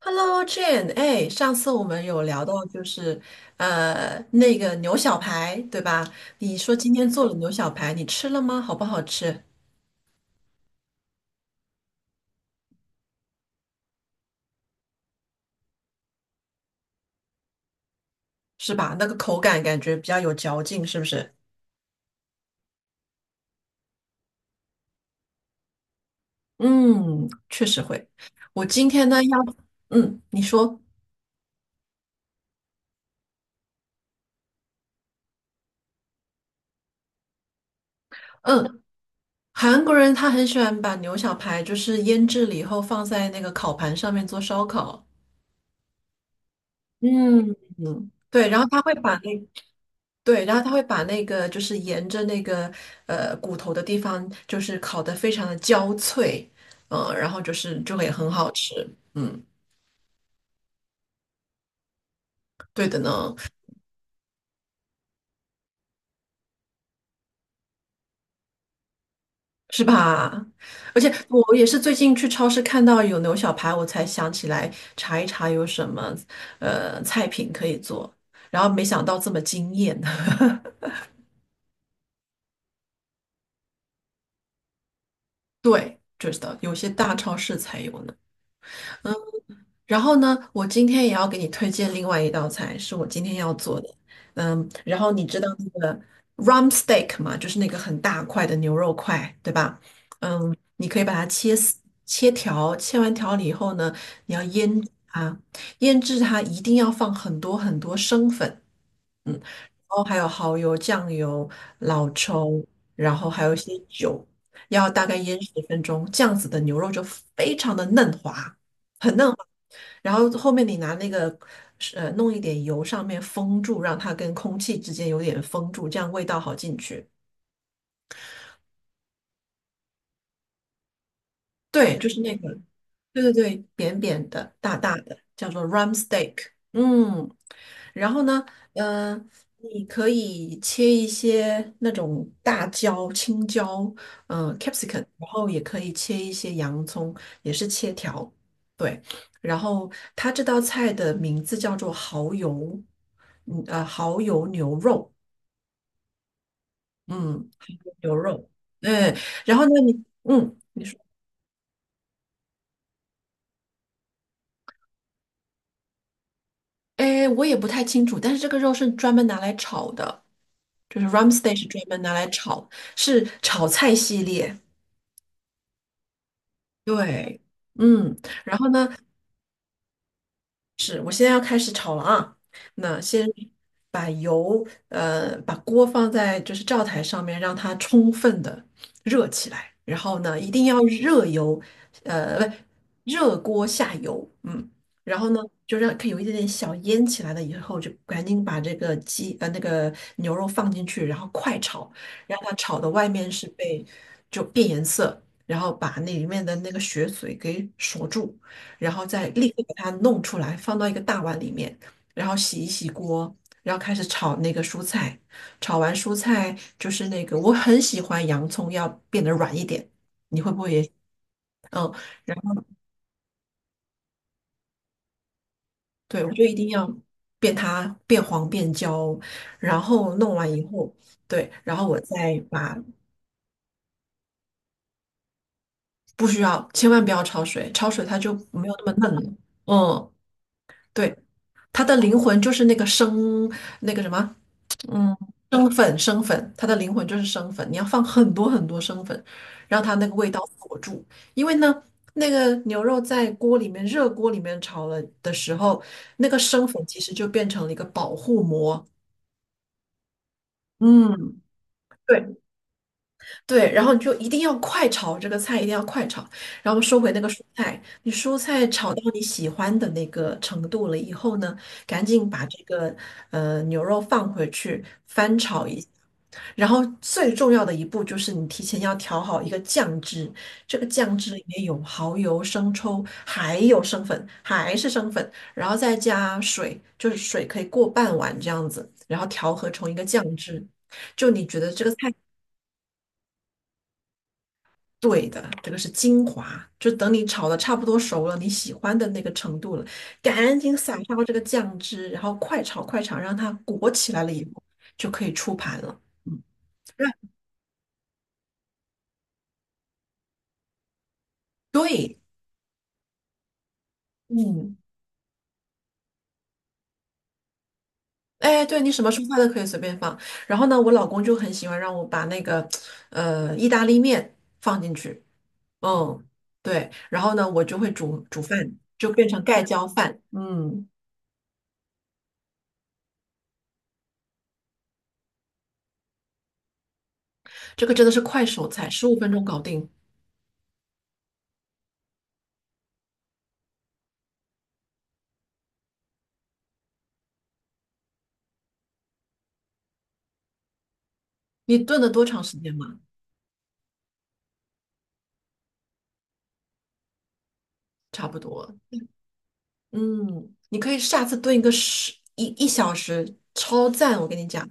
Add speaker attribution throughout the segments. Speaker 1: Hello Jane，哎，上次我们有聊到就是那个牛小排，对吧？你说今天做了牛小排，你吃了吗？好不好吃？是吧？那个口感感觉比较有嚼劲，是不是？嗯，确实会。我今天呢要，嗯，你说，嗯，韩国人他很喜欢把牛小排就是腌制了以后放在那个烤盘上面做烧烤。嗯嗯，对，然后他会把那对，然后他会把那个就是沿着那个骨头的地方，就是烤得非常的焦脆，嗯、然后就是就会很好吃，嗯，对的呢，是吧？而且我也是最近去超市看到有牛小排，我才想起来查一查有什么菜品可以做，然后没想到这么惊艳，对，就是的，有些大超市才有呢。嗯然后呢，我今天也要给你推荐另外一道菜，是我今天要做的。嗯，然后你知道那个 rump steak 嘛，就是那个很大块的牛肉块，对吧？嗯，你可以把它切丝切条，切完条了以后呢，你要腌制它一定要放很多很多生粉，嗯，然后还有蚝油、酱油、老抽，然后还有一些酒，要大概腌10分钟，这样子的牛肉就非常的嫩滑，很嫩滑。然后后面你拿那个弄一点油上面封住，让它跟空气之间有点封住，这样味道好进去。对，就是那个。对对对，扁扁的、大大的，叫做 r u m steak。嗯，然后呢，呃，你可以切一些那种大椒、青椒，嗯、capsicum 然后也可以切一些洋葱，也是切条。对，然后它这道菜的名字叫做蚝油，蚝油牛肉，嗯，蚝油牛肉，嗯，然后呢，你。哎，我也不太清楚，但是这个肉是专门拿来炒的，就是 r a m s t e i 是专门拿来炒，是炒菜系列。对，嗯，然后呢，是，我现在要开始炒了啊。那先把油，把锅放在就是灶台上面，让它充分的热起来。然后呢，一定要热油，呃，不，热锅下油，嗯。然后呢，就让可以有一点点小烟起来了以后，就赶紧把这个那个牛肉放进去，然后快炒，让它炒的外面是被就变颜色，然后把那里面的那个血水给锁住。然后再立刻把它弄出来，放到一个大碗里面，然后洗一洗锅，然后开始炒那个蔬菜。炒完蔬菜就是那个，我很喜欢洋葱要变得软一点，你会不会也？嗯，然后对，我就一定要变它变黄变焦，然后弄完以后，对，然后我再把不需要，千万不要焯水，焯水它就没有那么嫩了。嗯，对，它的灵魂就是那个生那个什么嗯，生粉生粉，它的灵魂就是生粉，你要放很多很多生粉，让它那个味道锁住。因为呢，那个牛肉在锅里面热锅里面炒了的时候，那个生粉其实就变成了一个保护膜。嗯，对，对，然后你就一定要快炒这个菜，一定要快炒，然后收回那个蔬菜。你蔬菜炒到你喜欢的那个程度了以后呢，赶紧把这个牛肉放回去翻炒一下。然后最重要的一步就是你提前要调好一个酱汁，这个酱汁里面有蚝油、生抽，还有生粉，还是生粉，然后再加水，就是水可以过半碗这样子，然后调和成一个酱汁。就你觉得这个菜。对的，这个是精华，就等你炒的差不多熟了，你喜欢的那个程度了，赶紧撒上这个酱汁，然后快炒快炒，让它裹起来了以后，就可以出盘了。嗯，那对，嗯，哎，对你什么蔬菜都可以随便放。然后呢，我老公就很喜欢让我把那个意大利面放进去，嗯，对，然后呢，我就会煮煮饭，就变成盖浇饭。嗯，这个真的是快手菜，15分钟搞定。你炖了多长时间吗？差不多。嗯，你可以下次炖一个一小时，超赞！我跟你讲。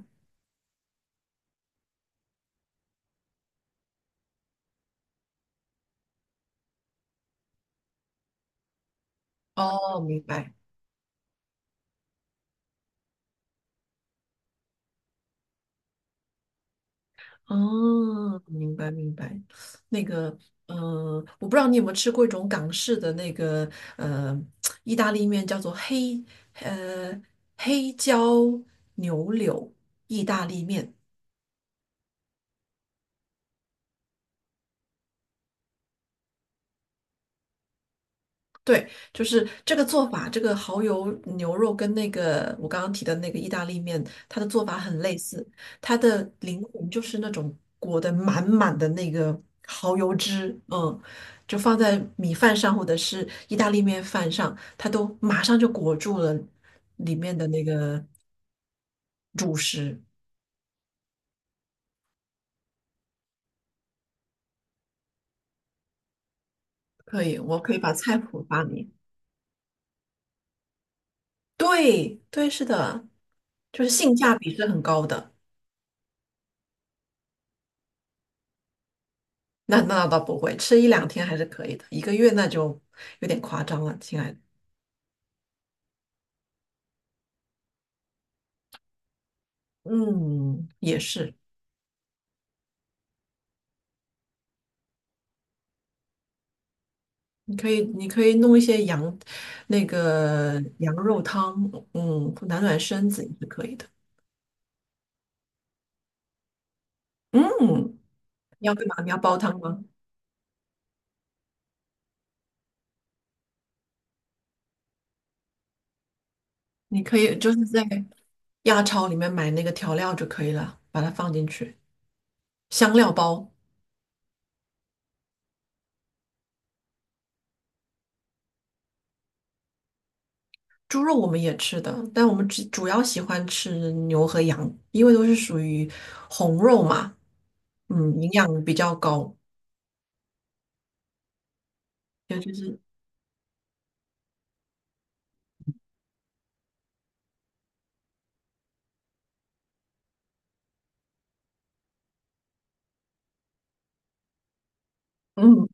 Speaker 1: 哦，明白。哦，明白明白。那个，嗯、我不知道你有没有吃过一种港式的那个，呃，意大利面叫做黑，呃，黑椒牛柳意大利面。对，就是这个做法，这个蚝油牛肉跟那个我刚刚提的那个意大利面，它的做法很类似。它的灵魂就是那种裹得满满的那个蚝油汁，嗯，就放在米饭上或者是意大利面饭上，它都马上就裹住了里面的那个主食。可以，我可以把菜谱发你。对，对，是的，就是性价比是很高的。那那倒不会，吃一两天还是可以的，一个月那就有点夸张了，亲爱的。嗯，也是，你可以你可以弄一些羊，那个羊肉汤，嗯，暖暖身子也是可以的。嗯，你要干嘛？你要煲汤吗？你可以就是在亚超里面买那个调料就可以了，把它放进去，香料包。猪肉我们也吃的，但我们只主要喜欢吃牛和羊，因为都是属于红肉嘛，嗯，营养比较高，尤其是嗯，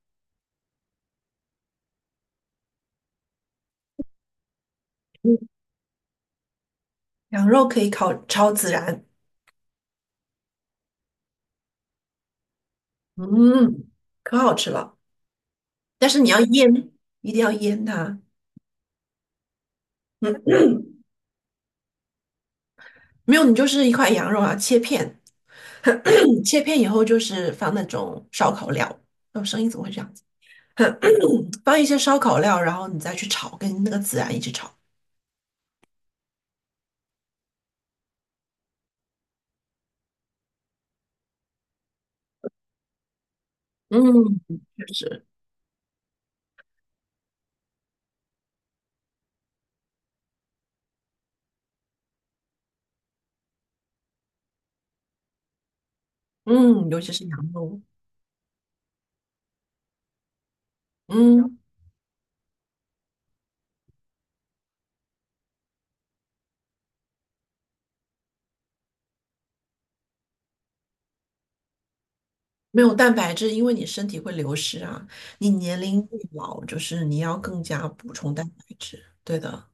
Speaker 1: 嗯羊肉可以烤超孜然，嗯，可好吃了。但是你要腌，一定要腌它，没有你就是一块羊肉啊，切片，切片以后就是放那种烧烤料。哦，声音怎么会这样子？放一些烧烤料，然后你再去炒，跟那个孜然一起炒。嗯，确实。嗯，尤其是羊肉，嗯，没有蛋白质，因为你身体会流失啊。你年龄越老，就是你要更加补充蛋白质。对的，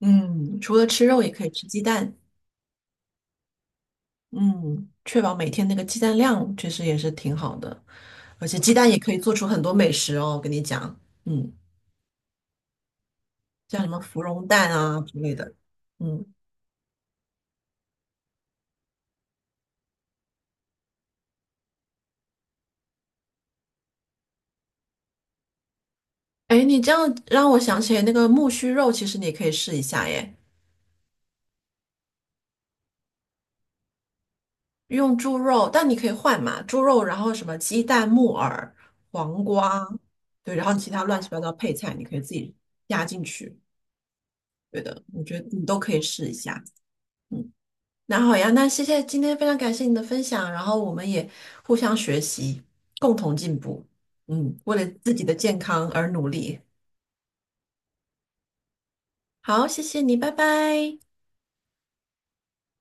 Speaker 1: 嗯，除了吃肉，也可以吃鸡蛋，嗯，确保每天那个鸡蛋量，确实也是挺好的。而且鸡蛋也可以做出很多美食哦，我跟你讲，嗯，像什么芙蓉蛋啊之类的，嗯，哎，你这样让我想起那个木须肉，其实你也可以试一下耶。用猪肉，但你可以换嘛，猪肉，然后什么鸡蛋、木耳、黄瓜，对，然后其他乱七八糟配菜，你可以自己加进去。对的，我觉得你都可以试一下。嗯，那好呀，那谢谢今天非常感谢你的分享，然后我们也互相学习，共同进步。嗯，为了自己的健康而努力。好，谢谢你，拜拜。